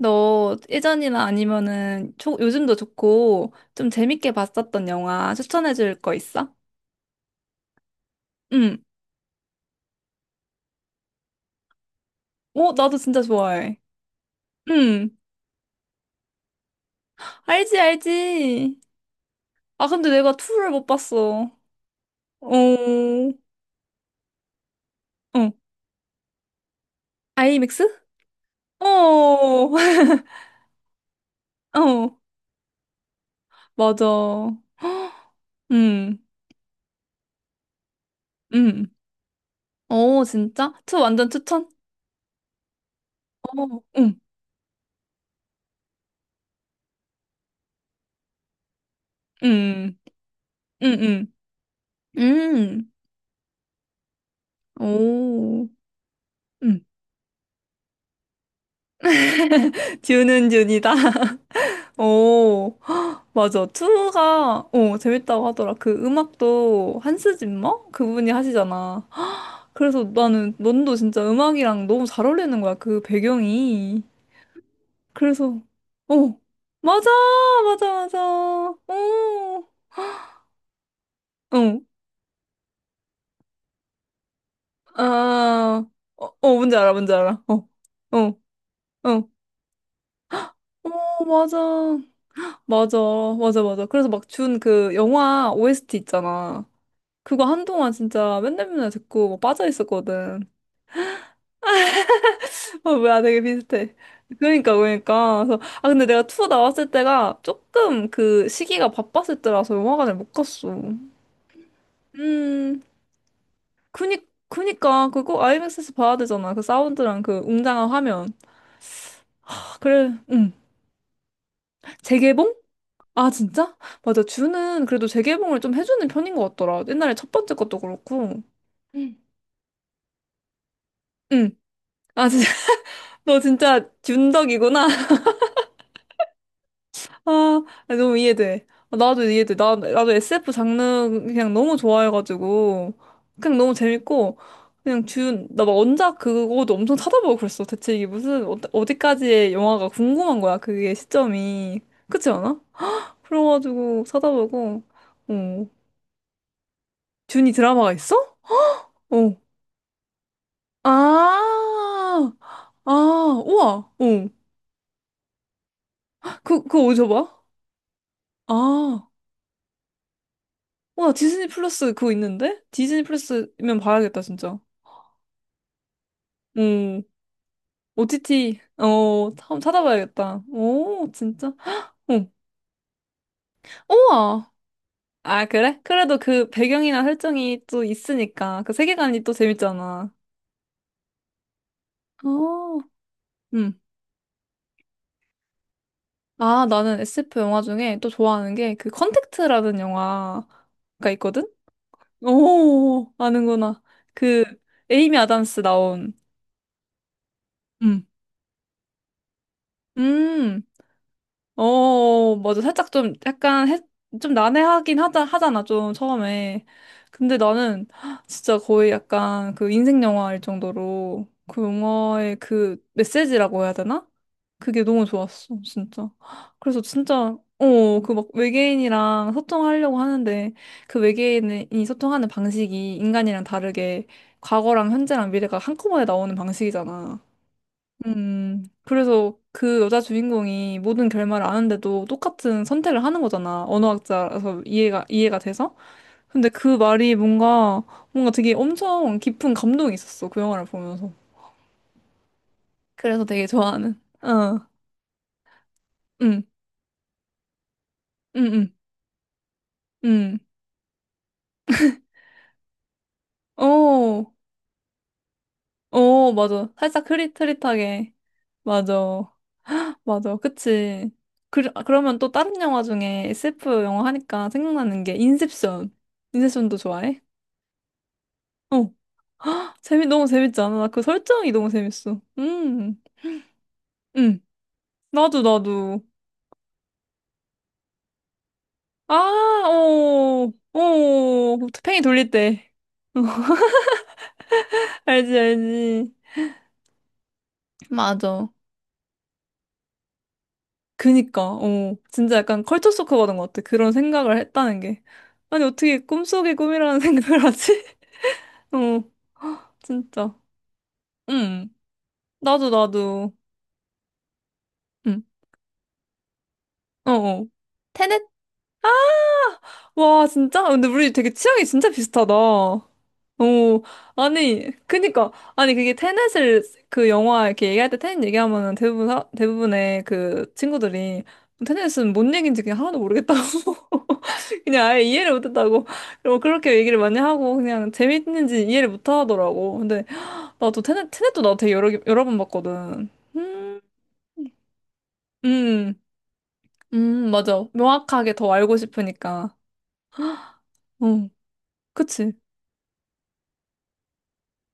너 예전이나 아니면은 요즘도 좋고 좀 재밌게 봤었던 영화 추천해 줄 거 있어? 응. 어, 나도 진짜 좋아해. 응. 알지, 알지. 아, 근데 내가 2를 못 봤어. 어, 어. 아이맥스? 어, 어, 맞아. 응, 응. 어, 진짜? 2 완전 추천? 어, 응, 응, 응, 응. 응, 오. 응. 듀는 듀이다. 오, 헉, 맞아. 투가, 재밌다고 하더라. 그 음악도 한스 짐머? 그분이 하시잖아. 그래서 나는 넌도 진짜 음악이랑 너무 잘 어울리는 거야. 그 배경이. 그래서, 어, 맞아, 맞아, 맞아. 오, 어, 아, 어, 어, 뭔지 알아, 뭔지 알아. 어, 어, 어. 어, 맞아. 맞아, 맞아, 맞아. 그래서 막 준 그 영화 OST 있잖아. 그거 한동안 진짜 맨날 맨날 듣고 막 빠져 있었거든. 아, 뭐야, 되게 비슷해. 그러니까, 그러니까. 그래서, 아, 근데 내가 투어 나왔을 때가 조금 그 시기가 바빴을 때라서 영화관을 못 갔어. 음, 그니, 그니까, 그거 IMAX에서 봐야 되잖아. 그 사운드랑 그 웅장한 화면. 아, 그래, 재개봉? 아, 진짜? 맞아. 주는 그래도 재개봉을 좀 해주는 편인 것 같더라. 옛날에 첫 번째 것도 그렇고. 응. 응. 아, 진짜. 너 진짜 균덕이구나. 아, 너무 이해돼. 아, 나도 이해돼. 나도 SF 장르 그냥 너무 좋아해가지고. 그냥 너무 재밌고. 그냥 준, 나막 원작 그거도 엄청 찾아보고 그랬어. 대체 이게 무슨, 어디까지의 영화가 궁금한 거야. 그게 시점이. 그렇지 않아? 그래가지고 찾아보고. 어, 준이 드라마가 있어? 어. 아, 아, 우와. 어. 그거 어디서 봐? 아, 우와. 디즈니 플러스 그거 있는데? 디즈니 플러스면 봐야겠다, 진짜. 오, OTT, 한번 찾아봐야겠다. 오, 진짜? 응. 우와! 아, 그래? 그래도 그 배경이나 설정이 또 있으니까 그 세계관이 또 재밌잖아. 어, 응. 아, 나는 SF 영화 중에 또 좋아하는 게 그 컨택트라는 영화가 있거든? 오, 아는구나. 그 에이미 아담스 나온. 응. 음. 어, 맞아. 살짝 좀 약간 해, 좀 난해하긴 하잖아, 좀 처음에. 근데 나는 진짜 거의 약간 그 인생 영화일 정도로 그 영화의 그 메시지라고 해야 되나? 그게 너무 좋았어, 진짜. 그래서 진짜, 어, 그 막 외계인이랑 소통하려고 하는데 그 외계인이 소통하는 방식이 인간이랑 다르게 과거랑 현재랑 미래가 한꺼번에 나오는 방식이잖아. 그래서 그 여자 주인공이 모든 결말을 아는데도 똑같은 선택을 하는 거잖아. 언어학자라서 이해가 돼서. 근데 그 말이 뭔가, 뭔가 되게 엄청 깊은 감동이 있었어. 그 영화를 보면서. 그래서 되게 좋아하는. 어, 응, 응, 응, 응. 어, 어, 맞아. 살짝 흐릿흐릿하게. 맞아. 맞아. 그치. 그러면 또 다른 영화 중에 SF 영화 하니까 생각나는 게 인셉션. 인셉션도 좋아해? 어. 재미 너무 재밌지 않아? 나 그 설정이 너무 재밌어. 음, 나도 나도. 아, 어, 어, 팽이 돌릴 때. 알지 알지. 맞아. 그니까, 진짜 약간 컬처 쇼크 받은 것 같아. 그런 생각을 했다는 게. 아니 어떻게 꿈속의 꿈이라는 생각을 하지? 어, 진짜. 음, 나도 나도. 음, 어, 어. 테넷? 아! 와, 진짜? 근데 우리 되게 취향이 진짜 비슷하다. 오 아니, 그니까, 아니, 그게 테넷을 그 영화 이렇게 얘기할 때 테넷 얘기하면은 대부분의 그 친구들이 테넷은 뭔 얘기인지 그냥 하나도 모르겠다고. 그냥 아예 이해를 못했다고. 그리고 그렇게 얘기를 많이 하고 그냥 재밌는지 이해를 못 하더라고. 근데 나도 테넷도 나 되게 여러 번 봤거든. 음, 음, 맞아. 명확하게 더 알고 싶으니까. 응, 그치.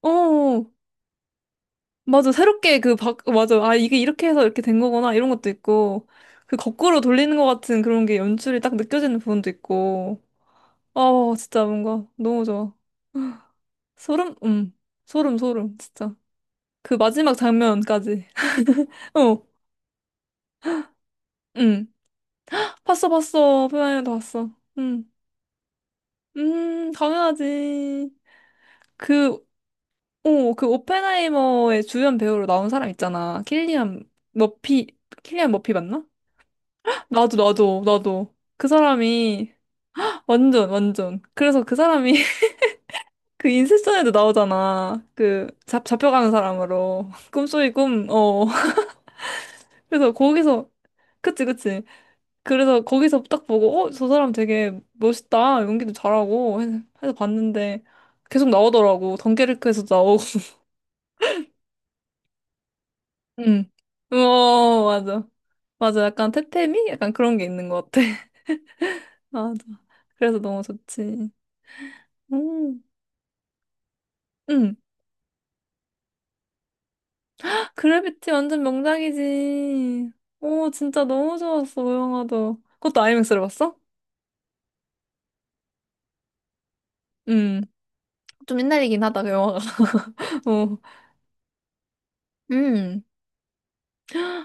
어, 맞아. 새롭게 그 맞아. 아, 이게 이렇게 해서 이렇게 된 거구나. 이런 것도 있고. 그 거꾸로 돌리는 것 같은 그런 게 연출이 딱 느껴지는 부분도 있고. 어, 진짜 뭔가 너무 좋아. 소름? 음. 소름, 소름. 진짜. 그 마지막 장면까지. 어, 음 봤어, 봤어. 오펜하이도 봤어. 음 당연하지. 그, 그 오펜하이머의 주연 배우로 나온 사람 있잖아. 킬리안 머피, 킬리안 머피 맞나? 나도, 나도, 나도. 그 사람이, 완전, 완전. 그래서 그 사람이, 그 인셉션에도 나오잖아. 그, 잡혀가는 사람으로. 꿈속의 꿈, 어. 그래서 거기서, 그치, 그치. 그래서 거기서 딱 보고, 저 사람 되게 멋있다. 연기도 잘하고. 해서 봤는데, 계속 나오더라고. 덩케르크에서 나오고. 응. 어, 맞아. 맞아. 약간 테테미? 약간 그런 게 있는 것 같아. 맞아. 그래서 너무 좋지. 음. 응. 그래비티 완전 명작이지. 오, 진짜 너무 좋았어, 그 영화도. 그것도 아이맥스로 봤어? 음. 좀 옛날이긴 하다, 그 영화가. 어. 음.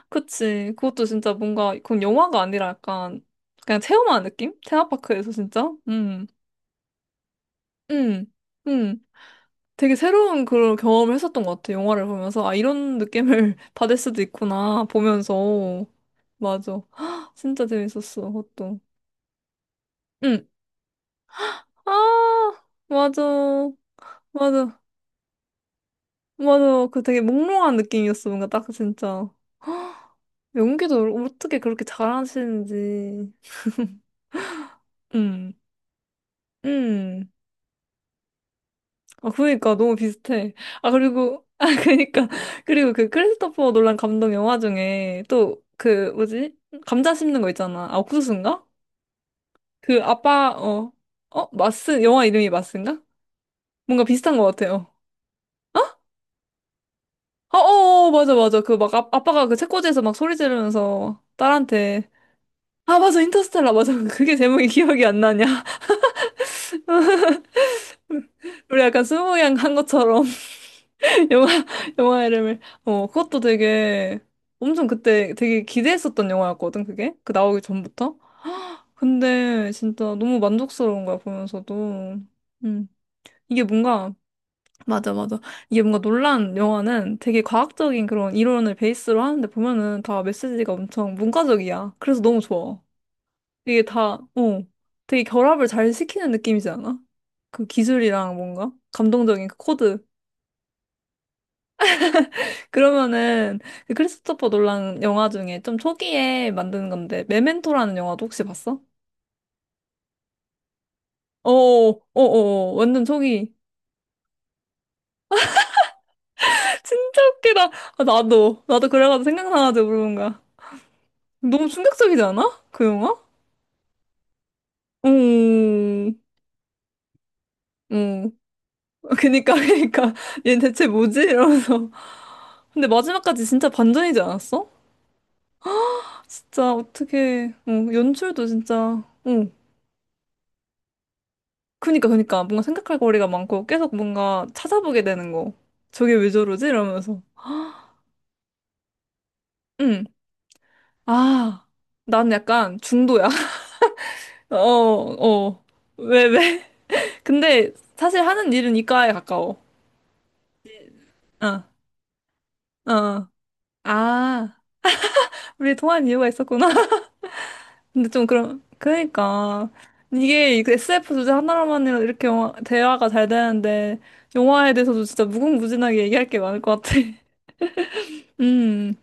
그치. 그것도 진짜 뭔가, 그건 영화가 아니라 약간, 그냥 체험하는 느낌? 테마파크에서 진짜? 음. 음. 음. 되게 새로운 그런 경험을 했었던 것 같아, 영화를 보면서. 아, 이런 느낌을 받을 수도 있구나, 보면서. 맞아. 진짜 재밌었어, 그것도. 응. 아, 맞아. 맞아. 맞아. 그 되게 몽롱한 느낌이었어. 뭔가 딱 진짜. 연기도 어떻게 그렇게 잘하시는지. 음, 음. 아, 그니까 너무 비슷해. 아, 그리고, 아, 그니까. 그리고 그 크리스토퍼 놀란 감독 영화 중에 또 그 뭐지? 감자 씹는 거 있잖아. 아, 옥수수인가? 그 아빠, 어, 어? 마스? 영화 이름이 마스인가? 뭔가 비슷한 것 같아요. 아, 어, 어, 어, 맞아, 맞아. 그 막 아빠가 그 책꽂이에서 막 소리 지르면서 딸한테 아, 맞아. 인터스텔라. 맞아. 그게 제목이 기억이 안 나냐. 우리 약간 스무양 한 것처럼 영화 영화 이름을 그것도 되게 엄청 그때 되게 기대했었던 영화였거든. 그게 그 나오기 전부터 근데 진짜 너무 만족스러운 거야, 보면서도. 음. 이게 뭔가 맞아, 맞아. 이게 뭔가 놀란 영화는 되게 과학적인 그런 이론을 베이스로 하는데 보면은 다 메시지가 엄청 문과적이야. 그래서 너무 좋아. 이게 다어 되게 결합을 잘 시키는 느낌이지 않아? 그 기술이랑 뭔가 감동적인 그 코드. 그러면은 그 크리스토퍼 놀란 영화 중에 좀 초기에 만든 건데 메멘토라는 영화도 혹시 봤어? 어어어어 완전 초기. 진짜 웃기다. 아, 나도 나도 그래가지고 생각나가지고 물어본 거야. 너무 충격적이지 않아? 그 영화? 음, 음. 그니까 그니까 얘 대체 뭐지? 이러면서 근데 마지막까지 진짜 반전이지 않았어? 진짜 어떻게 연출도 진짜. 어. 그니까, 그니까. 뭔가 생각할 거리가 많고 계속 뭔가 찾아보게 되는 거. 저게 왜 저러지? 이러면서. 응. 아, 난 약간 중도야. 어, 어. 왜, 왜? 근데 사실 하는 일은 이과에 가까워. 어, 어. 아, 우리 통한 이유가 있었구나. 근데 좀 그럼, 그러니까. 이게 그 SF 주제 하나로만 이렇게 대화가 잘 되는데, 영화에 대해서도 진짜 무궁무진하게 얘기할 게 많을 것 같아. 음.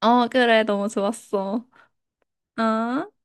어, 그래. 너무 좋았어. 어?